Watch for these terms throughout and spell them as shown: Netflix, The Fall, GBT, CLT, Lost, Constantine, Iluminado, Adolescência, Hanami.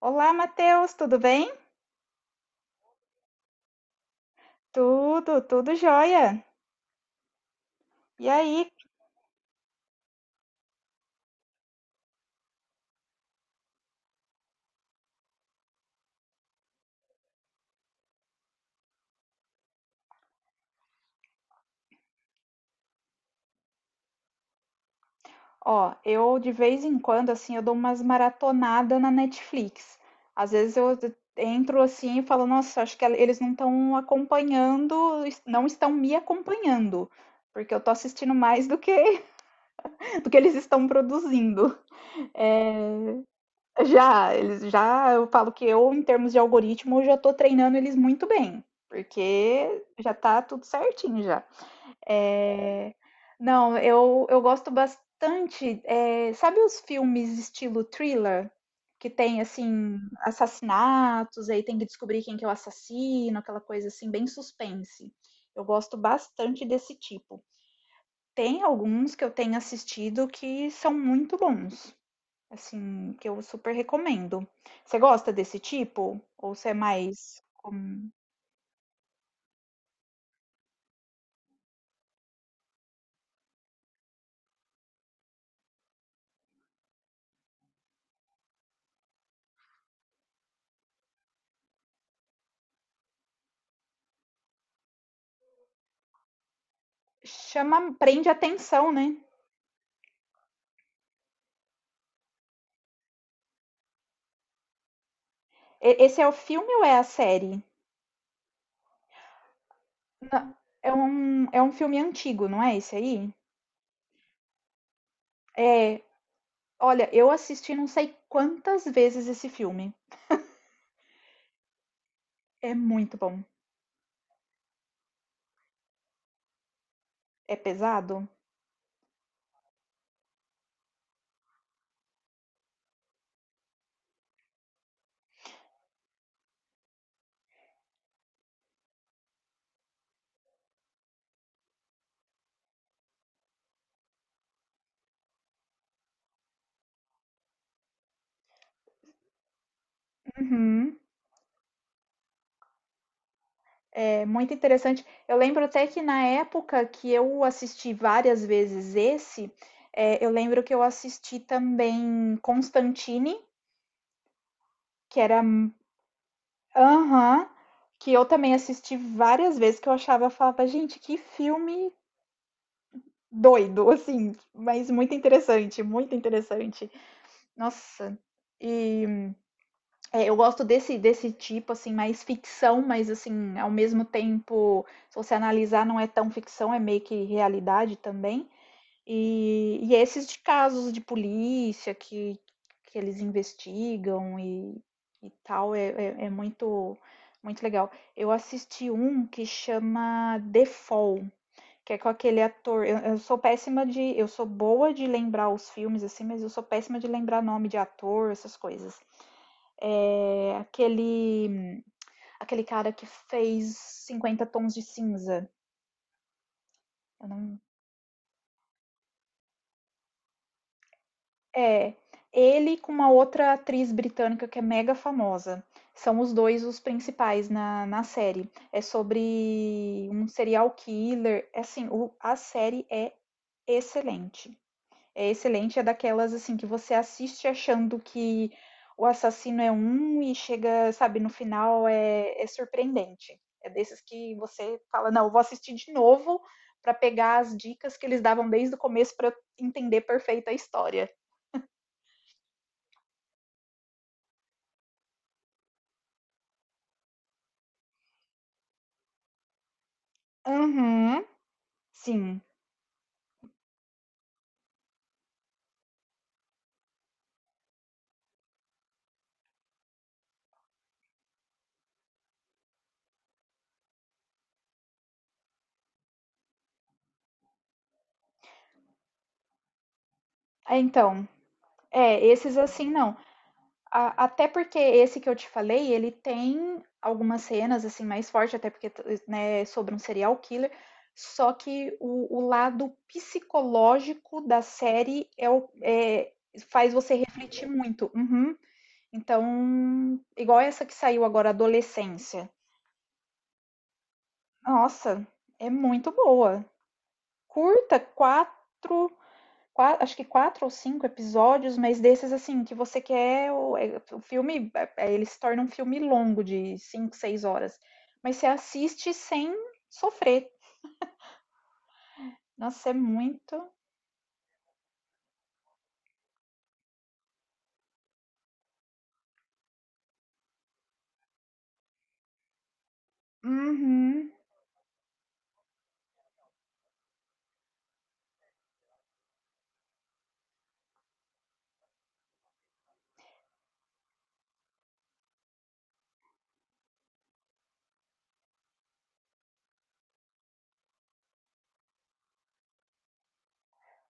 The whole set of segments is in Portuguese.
Olá, Matheus, tudo bem? Tudo, jóia. E aí, ó, eu de vez em quando, assim, eu dou umas maratonadas na Netflix. Às vezes eu entro assim e falo, nossa, acho que eles não estão acompanhando, não estão me acompanhando, porque eu tô assistindo mais do que do que eles estão produzindo. É, já, eu falo que em termos de algoritmo, eu já tô treinando eles muito bem, porque já tá tudo certinho já. É, não, eu gosto bastante. Sabe os filmes estilo thriller? Que tem, assim, assassinatos, aí tem que descobrir quem que é o assassino, aquela coisa assim, bem suspense. Eu gosto bastante desse tipo. Tem alguns que eu tenho assistido que são muito bons, assim, que eu super recomendo. Você gosta desse tipo? Ou você é mais. Chama, prende atenção, né? E- Esse é o filme ou é a série? Na é um filme antigo, não é esse aí? É, olha, eu assisti não sei quantas vezes esse filme. É muito bom. É pesado? Uhum. É muito interessante. Eu lembro até que na época que eu assisti várias vezes esse, eu lembro que eu assisti também Constantine, que era aham, que eu também assisti várias vezes, que eu achava, eu falava, gente, que filme doido, assim, mas muito interessante, muito interessante. Nossa. E é, eu gosto desse, desse tipo, assim, mais ficção, mas assim, ao mesmo tempo, se você analisar, não é tão ficção, é meio que realidade também. E é esses de casos de polícia que eles investigam e tal, é, é, é muito, muito legal. Eu assisti um que chama The Fall. Que é com aquele ator. Eu sou péssima de. Eu sou boa de lembrar os filmes, assim, mas eu sou péssima de lembrar nome de ator, essas coisas. É aquele. Aquele cara que fez 50 tons de cinza. Eu não- É. Ele com uma outra atriz britânica que é mega famosa. São os dois os principais na, na série. É sobre um serial killer. É assim, o- a série é excelente. É excelente, é daquelas assim que você assiste achando que o assassino é um e chega, sabe, no final é, é surpreendente. É desses que você fala, não, eu vou assistir de novo pra pegar as dicas que eles davam desde o começo pra eu entender perfeita a história. Uhum, sim. É, então, é, esses assim não. A- Até porque esse que eu te falei, ele tem algumas cenas assim mais fortes, até porque né, é sobre um serial killer. Só que o lado psicológico da série é, o- é- faz você refletir muito. Uhum. Então, igual essa que saiu agora, Adolescência. Nossa, é muito boa. Curta, quatro qua- acho que quatro ou cinco episódios, mas desses assim, que você quer. O, é- o filme, é- é- ele se torna um filme longo, de 5, 6 horas. Mas você assiste sem sofrer. Nossa, é muito. Uhum.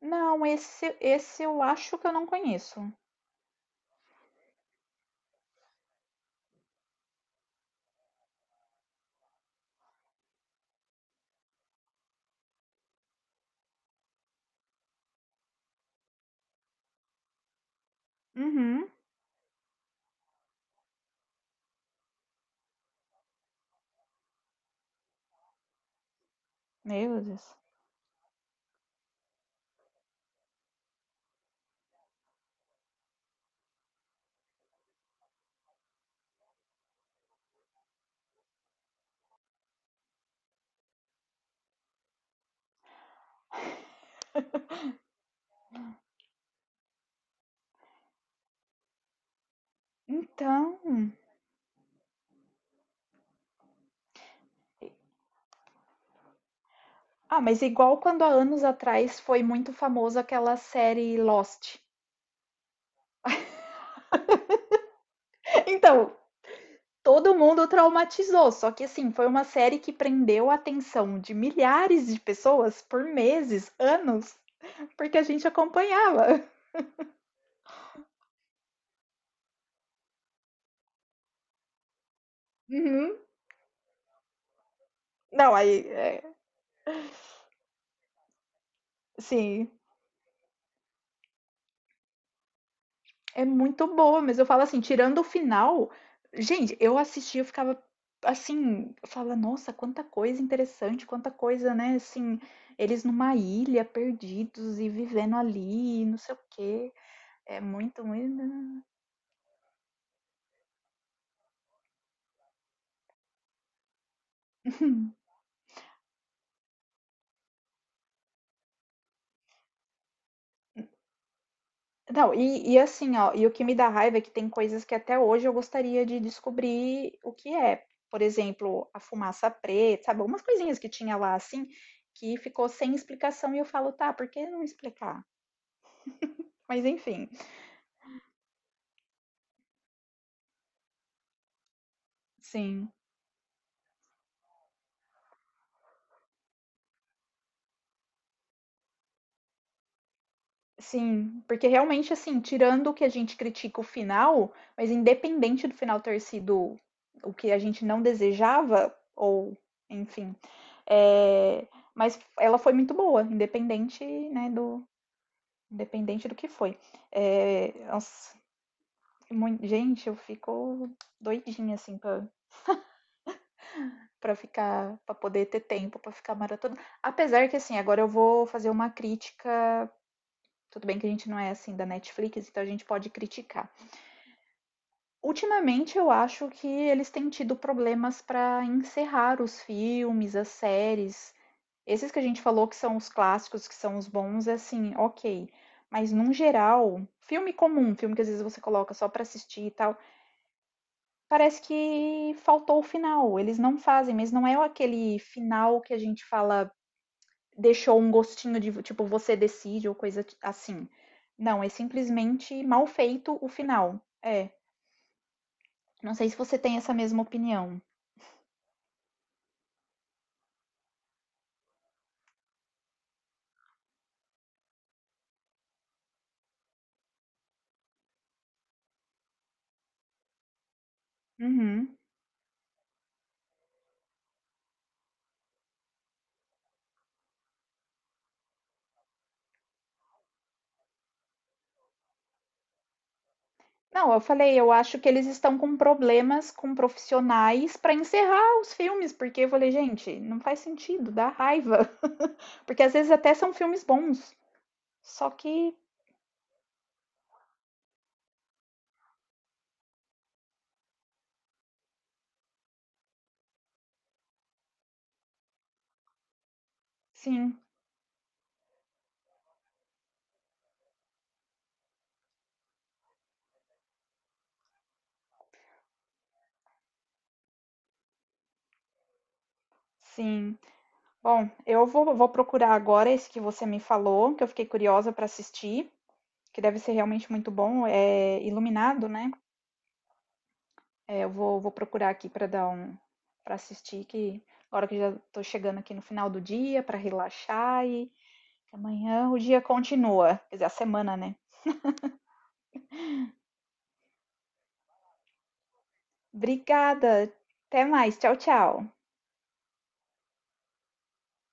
Não, esse eu acho que eu não conheço. Uhum. Meu Deus. Então. Ah, mas igual quando há anos atrás foi muito famosa aquela série Lost. Então, todo mundo traumatizou, só que assim, foi uma série que prendeu a atenção de milhares de pessoas por meses, anos, porque a gente acompanhava. Uhum. Não, aí, é, assim, é muito boa, mas eu falo assim, tirando o final, gente, eu assistia, eu ficava assim, eu falava, nossa, quanta coisa interessante, quanta coisa, né, assim, eles numa ilha, perdidos e vivendo ali, não sei o quê. É muito, muito. Não, e assim, ó, e o que me dá raiva é que tem coisas que até hoje eu gostaria de descobrir o que é. Por exemplo, a fumaça preta, sabe? Algumas coisinhas que tinha lá, assim, que ficou sem explicação e eu falo: "Tá, por que não explicar?". Mas enfim. Sim, sim, porque realmente, assim, tirando o que a gente critica o final, mas independente do final ter sido o que a gente não desejava ou enfim, eh, mas ela foi muito boa, independente, né, do Independente do que foi. Nossa, mui gente, eu fico doidinha, assim, pra ficar pra poder ter tempo pra ficar maratona. Apesar que, assim, agora eu vou fazer uma crítica, tudo bem que a gente não é, assim, da Netflix, então a gente pode criticar. Ultimamente eu acho que eles têm tido problemas para encerrar os filmes, as séries. Esses que a gente falou que são os clássicos, que são os bons, é assim, ok. Mas num geral, filme comum, filme que às vezes você coloca só para assistir e tal, parece que faltou o final. Eles não fazem, mas não é aquele final que a gente fala, deixou um gostinho de, tipo, você decide ou coisa ti- assim. Não, é simplesmente mal feito o final. É. Não sei se você tem essa mesma opinião. Uhum. Não, eu falei, eu acho que eles estão com problemas com profissionais para encerrar os filmes, porque eu falei, gente, não faz sentido, dá raiva. Porque às vezes até são filmes bons. Só que, sim, sim. Bom, eu vou procurar agora esse que você me falou, que eu fiquei curiosa para assistir, que deve ser realmente muito bom, é Iluminado, né? É, eu vou procurar aqui para dar um, para assistir, que agora que já tô chegando aqui no final do dia, para relaxar e amanhã o dia continua, quer dizer, a semana, né? Obrigada. Até mais. Tchau, tchau.